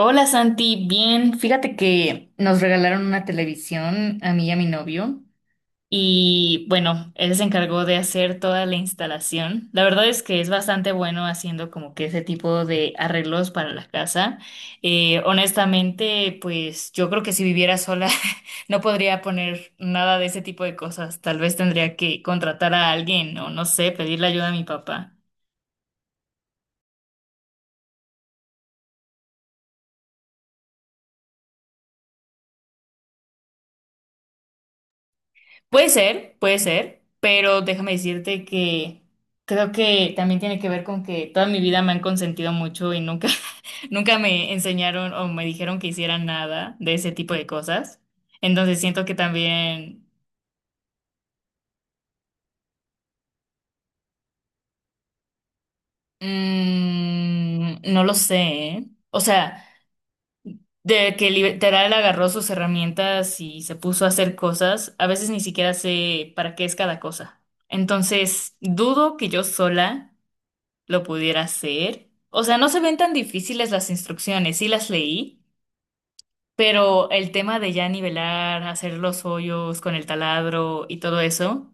Hola Santi, bien, fíjate que nos regalaron una televisión a mí y a mi novio y bueno, él se encargó de hacer toda la instalación. La verdad es que es bastante bueno haciendo como que ese tipo de arreglos para la casa. Honestamente, pues yo creo que si viviera sola no podría poner nada de ese tipo de cosas. Tal vez tendría que contratar a alguien o no sé, pedirle ayuda a mi papá. Puede ser, pero déjame decirte que creo que también tiene que ver con que toda mi vida me han consentido mucho y nunca, nunca me enseñaron o me dijeron que hiciera nada de ese tipo de cosas. Entonces siento que también, no lo sé, ¿eh? O sea, de que literal agarró sus herramientas y se puso a hacer cosas, a veces ni siquiera sé para qué es cada cosa. Entonces, dudo que yo sola lo pudiera hacer. O sea, no se ven tan difíciles las instrucciones, sí las leí, pero el tema de ya nivelar, hacer los hoyos con el taladro y todo eso,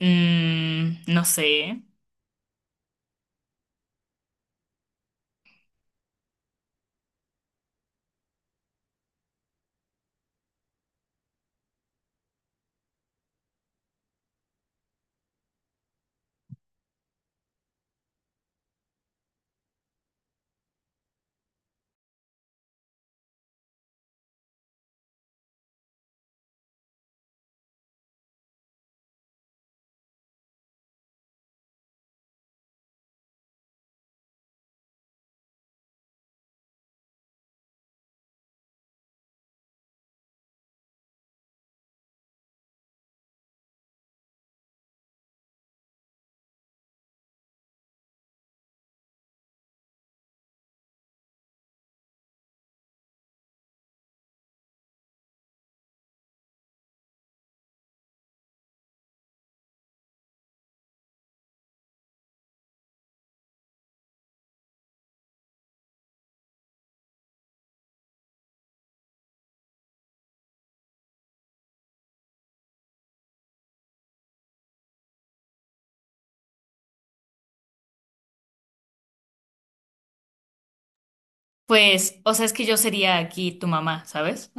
no sé. Pues, o sea, es que yo sería aquí tu mamá, ¿sabes?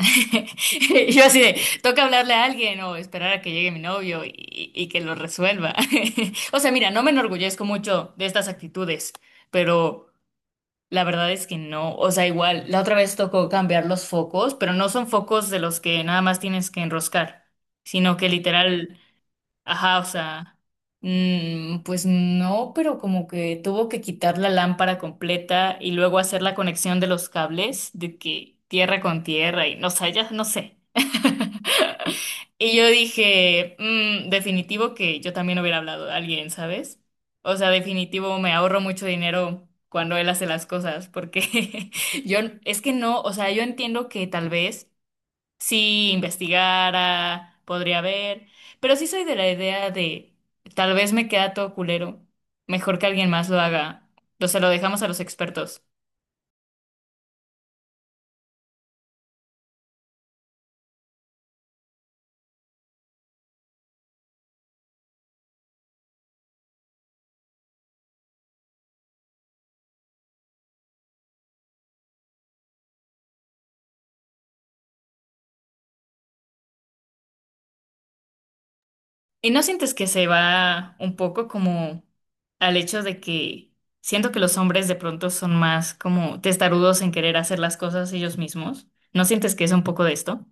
Yo así de, toca hablarle a alguien o esperar a que llegue mi novio y que lo resuelva. O sea, mira, no me enorgullezco mucho de estas actitudes, pero... La verdad es que no, o sea, igual, la otra vez tocó cambiar los focos, pero no son focos de los que nada más tienes que enroscar, sino que literal. Ajá, o sea, pues no, pero como que tuvo que quitar la lámpara completa y luego hacer la conexión de los cables, de que tierra con tierra y no sé, ya no sé. Y yo dije, "Mm, definitivo que yo también hubiera hablado de alguien, ¿sabes? O sea, definitivo me ahorro mucho dinero cuando él hace las cosas, porque yo es que no, o sea, yo entiendo que tal vez si investigara, podría ver, pero sí soy de la idea de tal vez me queda todo culero, mejor que alguien más lo haga, o se lo dejamos a los expertos. ¿Y no sientes que se va un poco como al hecho de que siento que los hombres de pronto son más como testarudos en querer hacer las cosas ellos mismos? ¿No sientes que es un poco de esto?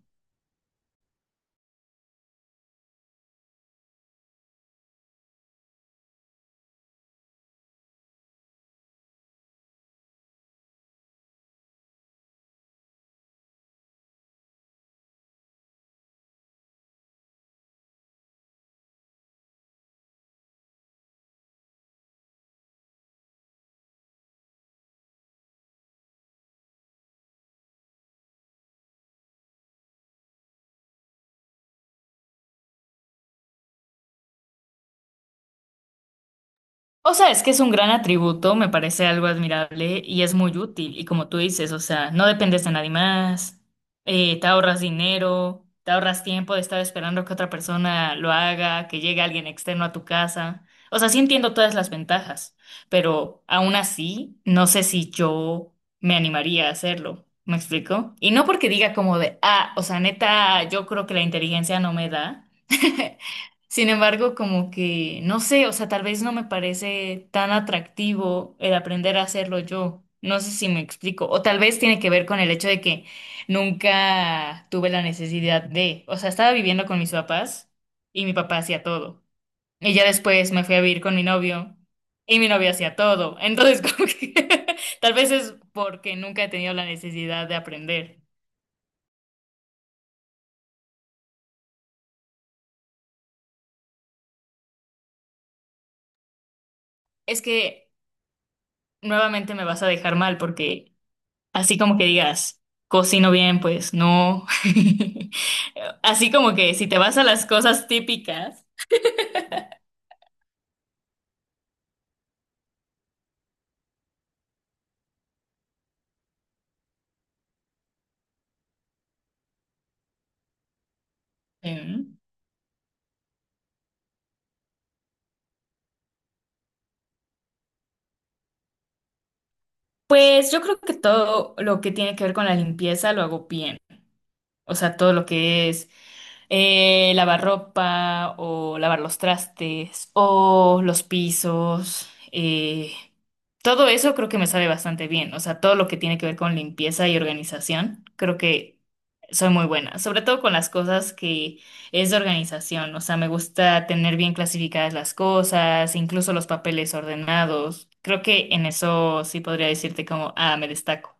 O sea, es que es un gran atributo, me parece algo admirable y es muy útil. Y como tú dices, o sea, no dependes de nadie más, te ahorras dinero, te ahorras tiempo de estar esperando que otra persona lo haga, que llegue alguien externo a tu casa. O sea, sí entiendo todas las ventajas, pero aún así, no sé si yo me animaría a hacerlo. ¿Me explico? Y no porque diga como de, ah, o sea, neta, yo creo que la inteligencia no me da. Sin embargo, como que, no sé, o sea, tal vez no me parece tan atractivo el aprender a hacerlo yo. No sé si me explico. O tal vez tiene que ver con el hecho de que nunca tuve la necesidad de, o sea, estaba viviendo con mis papás y mi papá hacía todo. Y ya después me fui a vivir con mi novio y mi novio hacía todo. Entonces, como que tal vez es porque nunca he tenido la necesidad de aprender. Es que nuevamente me vas a dejar mal porque... Así como que digas, cocino bien, pues no. Así como que si te vas a las cosas típicas, em, pues yo creo que todo lo que tiene que ver con la limpieza lo hago bien. O sea, todo lo que es lavar ropa o lavar los trastes o los pisos. Todo eso creo que me sabe bastante bien. O sea, todo lo que tiene que ver con limpieza y organización, creo que soy muy buena. Sobre todo con las cosas que es de organización. O sea, me gusta tener bien clasificadas las cosas, incluso los papeles ordenados. Creo que en eso sí podría decirte como, ah, me destaco.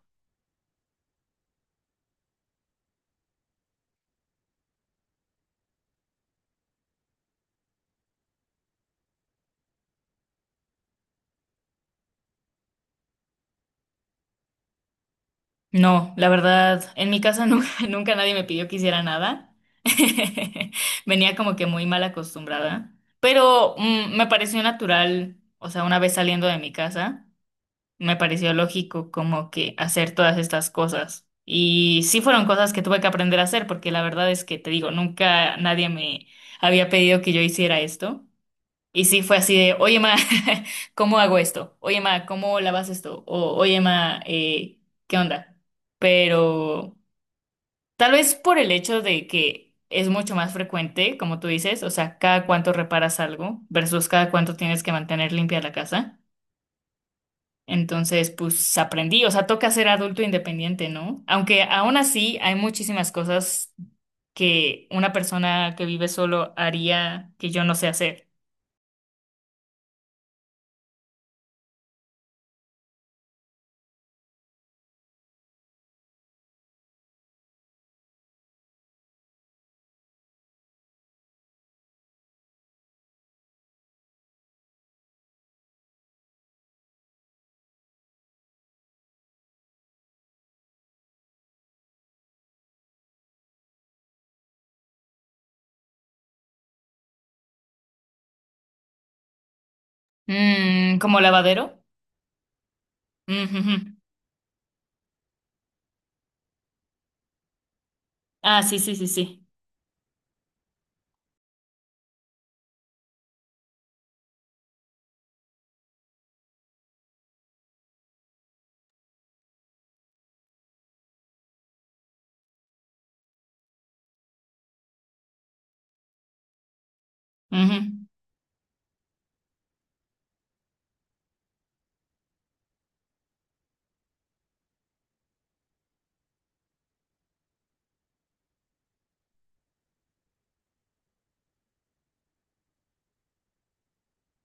No, la verdad, en mi casa nunca, nunca nadie me pidió que hiciera nada. Venía como que muy mal acostumbrada, pero me pareció natural, o sea, una vez saliendo de mi casa, me pareció lógico como que hacer todas estas cosas. Y sí fueron cosas que tuve que aprender a hacer, porque la verdad es que te digo, nunca nadie me había pedido que yo hiciera esto. Y sí fue así de, oye, ma, ¿cómo hago esto? Oye, ma, ¿cómo lavas esto? O, oye, ma, ¿qué onda? Pero tal vez por el hecho de que es mucho más frecuente, como tú dices, o sea, cada cuánto reparas algo versus cada cuánto tienes que mantener limpia la casa. Entonces, pues aprendí, o sea, toca ser adulto independiente, ¿no? Aunque aún así hay muchísimas cosas que una persona que vive solo haría que yo no sé hacer. Mm, ¿como lavadero? Ujú. Ah, sí, sí, sí, sí. Ujú.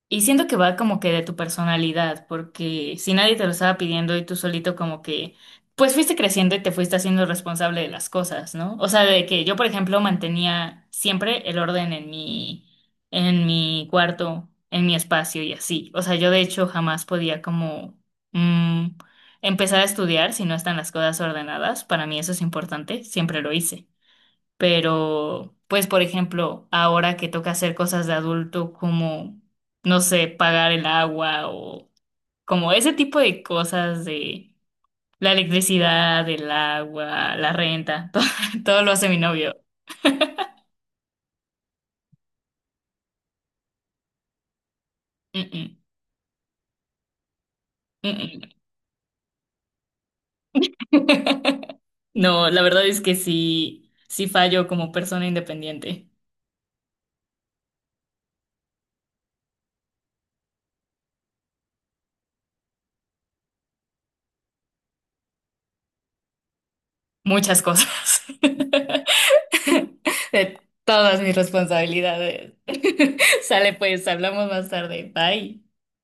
Y siento que va como que de tu personalidad, porque si nadie te lo estaba pidiendo y tú solito como que, pues fuiste creciendo y te fuiste haciendo responsable de las cosas, ¿no? O sea, de que yo, por ejemplo, mantenía siempre el orden en mi cuarto, en mi espacio y así. O sea, yo de hecho jamás podía como mm, empezar a estudiar si no están las cosas ordenadas. Para mí eso es importante, siempre lo hice. Pero pues por ejemplo, ahora que toca hacer cosas de adulto como, no sé, pagar el agua o como ese tipo de cosas de la electricidad, el agua, la renta, todo, todo lo hace mi novio. Mm, mm, mm. No, la verdad es que sí, sí fallo como persona independiente. Muchas cosas. De todas mis responsabilidades. Sale pues, hablamos más tarde. Bye.